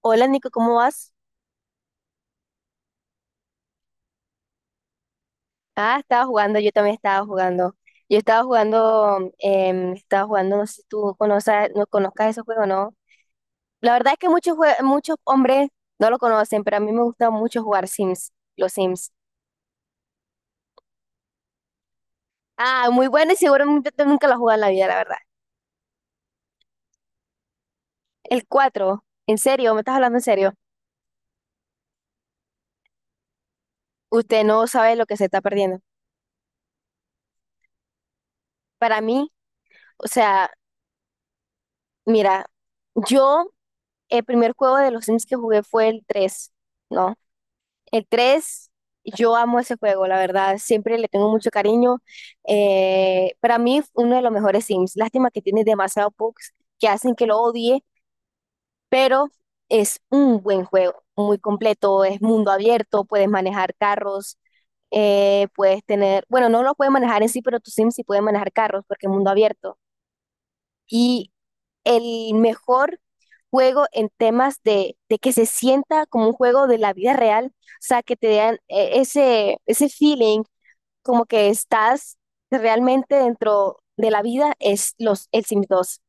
Hola Nico, ¿cómo vas? Ah, estaba jugando, yo también estaba jugando. Yo estaba jugando, estaba jugando, no sé si tú conoces, no conozcas ese juego, ¿no? La verdad es que muchos, muchos hombres no lo conocen, pero a mí me gusta mucho jugar Sims, los Sims. Ah, muy bueno y seguro nunca lo he jugado en la vida, la verdad. El 4, ¿en serio? ¿Me estás hablando en serio? Usted no sabe lo que se está perdiendo. Para mí, o sea, mira, yo, el primer juego de los Sims que jugué fue el tres, ¿no? El 3 yo amo ese juego, la verdad, siempre le tengo mucho cariño. Para mí, uno de los mejores Sims. Lástima que tiene demasiados bugs que hacen que lo odie, pero es un buen juego, muy completo, es mundo abierto, puedes manejar carros, puedes tener, bueno, no lo puedes manejar en sí, pero tu Sim sí puede manejar carros porque es mundo abierto. Y el mejor juego en temas de que se sienta como un juego de la vida real, o sea, que te den ese, ese feeling como que estás realmente dentro de la vida, es los, el Sims dos.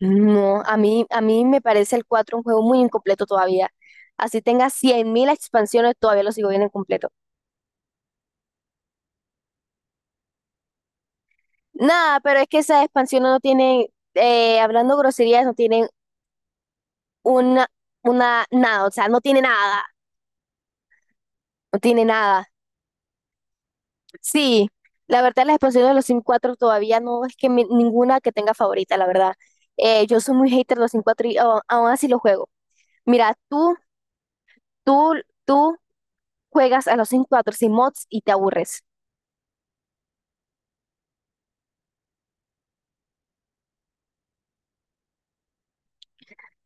No, a mí me parece el 4 un juego muy incompleto todavía. Así tenga cien mil expansiones, todavía lo sigo viendo incompleto. Nada, pero es que esas expansiones no tienen, hablando groserías, no tienen una, una, nada, o sea, no tiene nada. Sí, la verdad las expansiones de los Sims 4 todavía no es que ninguna que tenga favorita, la verdad. Yo soy muy hater de los Sims 4 y aún así los juego. Mira, tú, tú juegas a los Sims 4 sin mods y te aburres.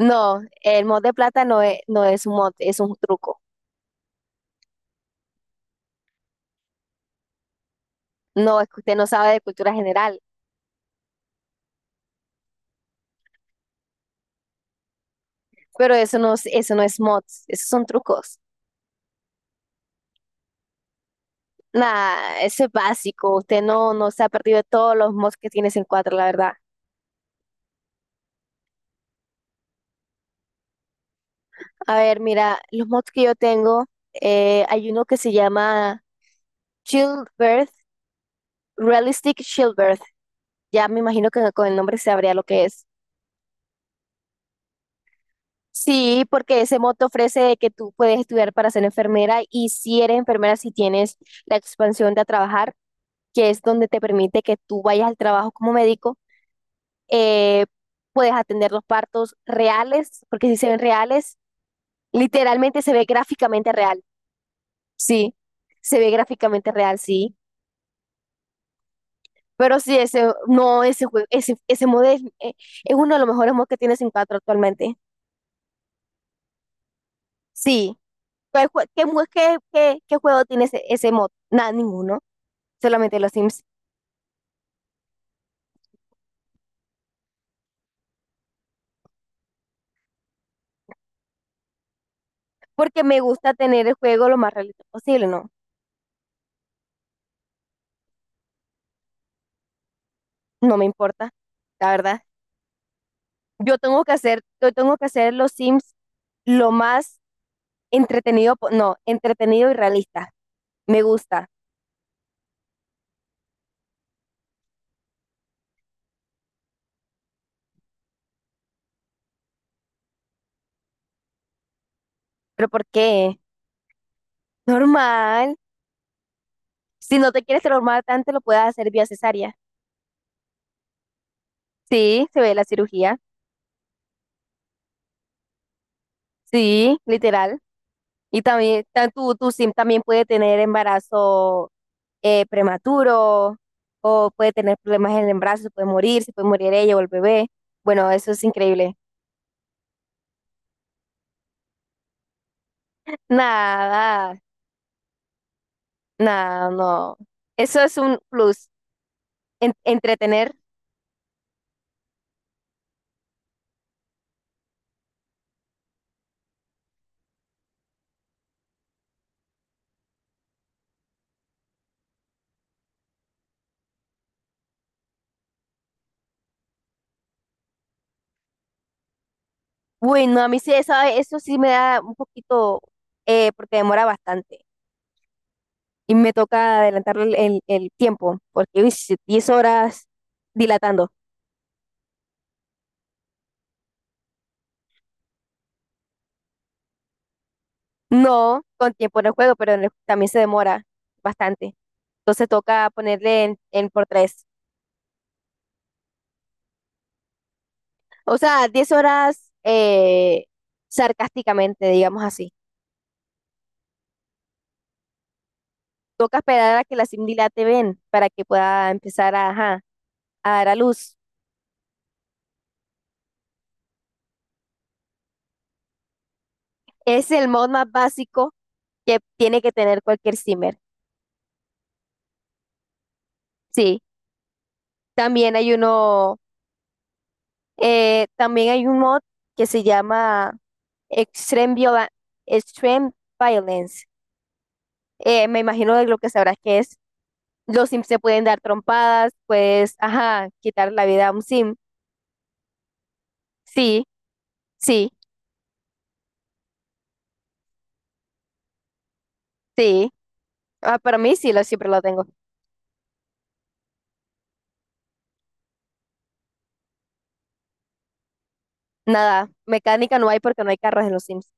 No, el mod de plata no es un mod, es un truco. No, es que usted no sabe de cultura general, pero eso no, eso no es mods, esos son trucos. Nada, eso es básico. Usted no, no se ha perdido de todos los mods que tiene Sims 4, la verdad. A ver, mira, los mods que yo tengo, hay uno que se llama Childbirth, Realistic Childbirth. Ya me imagino que con el nombre se sabría lo que es. Sí, porque ese mod te ofrece que tú puedes estudiar para ser enfermera y si eres enfermera, si tienes la expansión de a trabajar, que es donde te permite que tú vayas al trabajo como médico, eh, puedes atender los partos reales, porque si se ven reales, literalmente se ve gráficamente real. Sí, se ve gráficamente real, sí. Pero sí, ese, no, ese juego, ese mod es uno de los mejores mods que tiene Sin cuatro actualmente. Sí. ¿Qué, qué, qué, qué juego tiene ese, ese mod? Nada, ninguno. Solamente los Sims. Porque me gusta tener el juego lo más realista posible, ¿no? No me importa, la verdad. Yo tengo que hacer los Sims lo más entretenido, po- no, entretenido y realista. Me gusta. ¿Pero por qué? Normal. Si no te quieres transformar tanto, lo puedes hacer vía cesárea. Sí, se ve la cirugía. Sí, literal. Y también tu, tu sim también puede tener embarazo prematuro o puede tener problemas en el embarazo, se puede morir ella o el bebé. Bueno, eso es increíble. Nada, nada, no. Eso es un plus. Entretener. Bueno, a mí sí, eso sí me da un poquito, porque demora bastante. Y me toca adelantar el, el tiempo, porque uy, 10 horas dilatando. No, con tiempo en el juego, pero también se demora bastante. Entonces toca ponerle en por tres. O sea, 10 horas sarcásticamente, digamos así. Toca esperar a que la sim dilate bien para que pueda empezar a, ajá, a dar a luz. Es el mod más básico que tiene que tener cualquier simmer. Sí, también hay uno, también hay un mod que se llama Extreme Viola- Extreme Violence. Me imagino de lo que sabrás que es. Los sims se pueden dar trompadas, pues, ajá, quitar la vida a un sim. Sí, sí, sí. Ah, para mí sí, lo, siempre lo tengo. Nada, mecánica no hay porque no hay carros en los sims.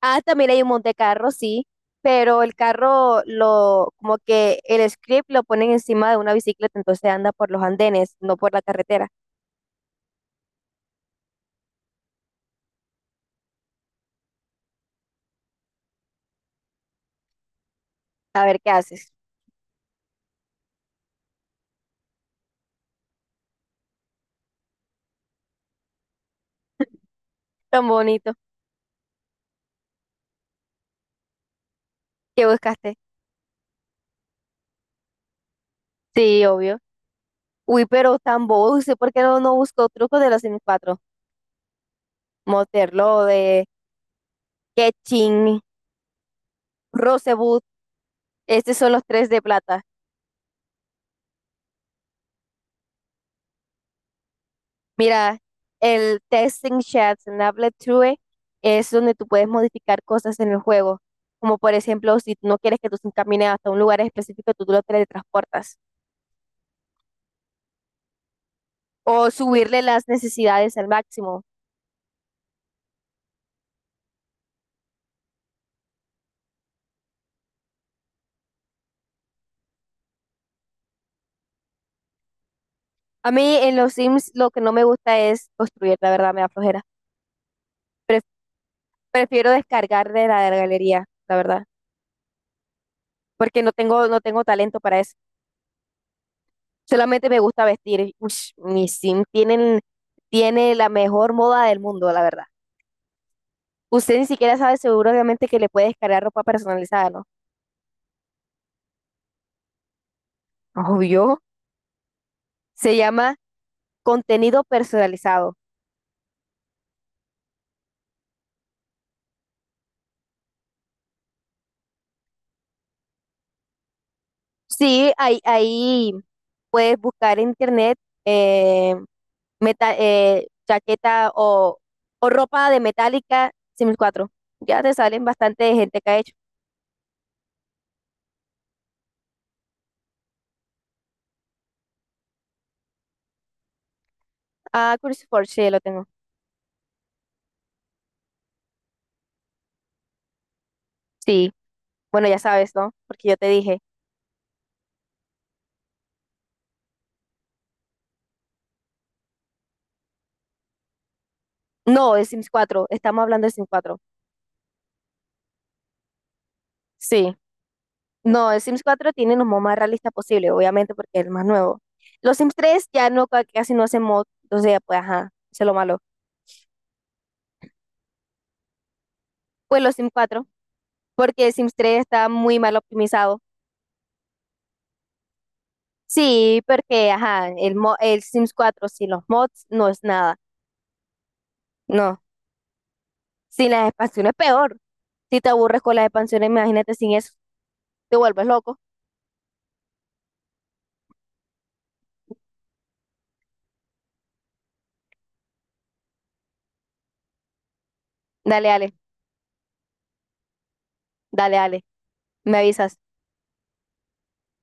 Ah, también hay un monte carro, sí, pero el carro lo, como que el script lo ponen encima de una bicicleta, entonces anda por los andenes, no por la carretera. A ver qué haces. Tan bonito. ¿Qué buscaste? Sí, obvio. Uy, pero tan bobo, no sé por qué no, no buscó trucos de los sims cuatro. Motherlode, Ketching, Rosewood. Estos son los tres de plata. Mira, el Testing Chats en Applet True es donde tú puedes modificar cosas en el juego. Como por ejemplo, si no quieres que tú se encamine hasta un lugar específico, tú lo teletransportas. O subirle las necesidades al máximo. A mí en los Sims lo que no me gusta es construir, la verdad, me da flojera. Pref- prefiero descargar de la galería, la verdad, porque no tengo, no tengo talento para eso. Solamente me gusta vestir. Ush, mi sim tienen, tiene la mejor moda del mundo, la verdad. Usted ni siquiera sabe seguramente que le puede descargar ropa personalizada, ¿no? Obvio. Se llama contenido personalizado. Sí, ahí, ahí puedes buscar en internet eh, chaqueta o ropa de Metallica Sims cuatro. Ya te salen bastante gente que ha hecho. Ah, Cruciforge, sí, lo tengo. Sí, bueno, ya sabes, ¿no? Porque yo te dije. No, es Sims 4, estamos hablando de Sims 4. Sí, no, el Sims 4 tiene los mods más realistas posible, obviamente, porque es el más nuevo. Los Sims 3 ya no, casi no hacen mod, entonces, pues, ajá, eso es lo malo. Pues los Sims 4, porque el Sims 3 está muy mal optimizado. Sí, porque, ajá, el, el Sims 4 sin los mods no es nada. No, sin las expansiones peor. Si te aburres con las expansiones, imagínate sin eso, te vuelves loco. Dale, dale, dale, me avisas.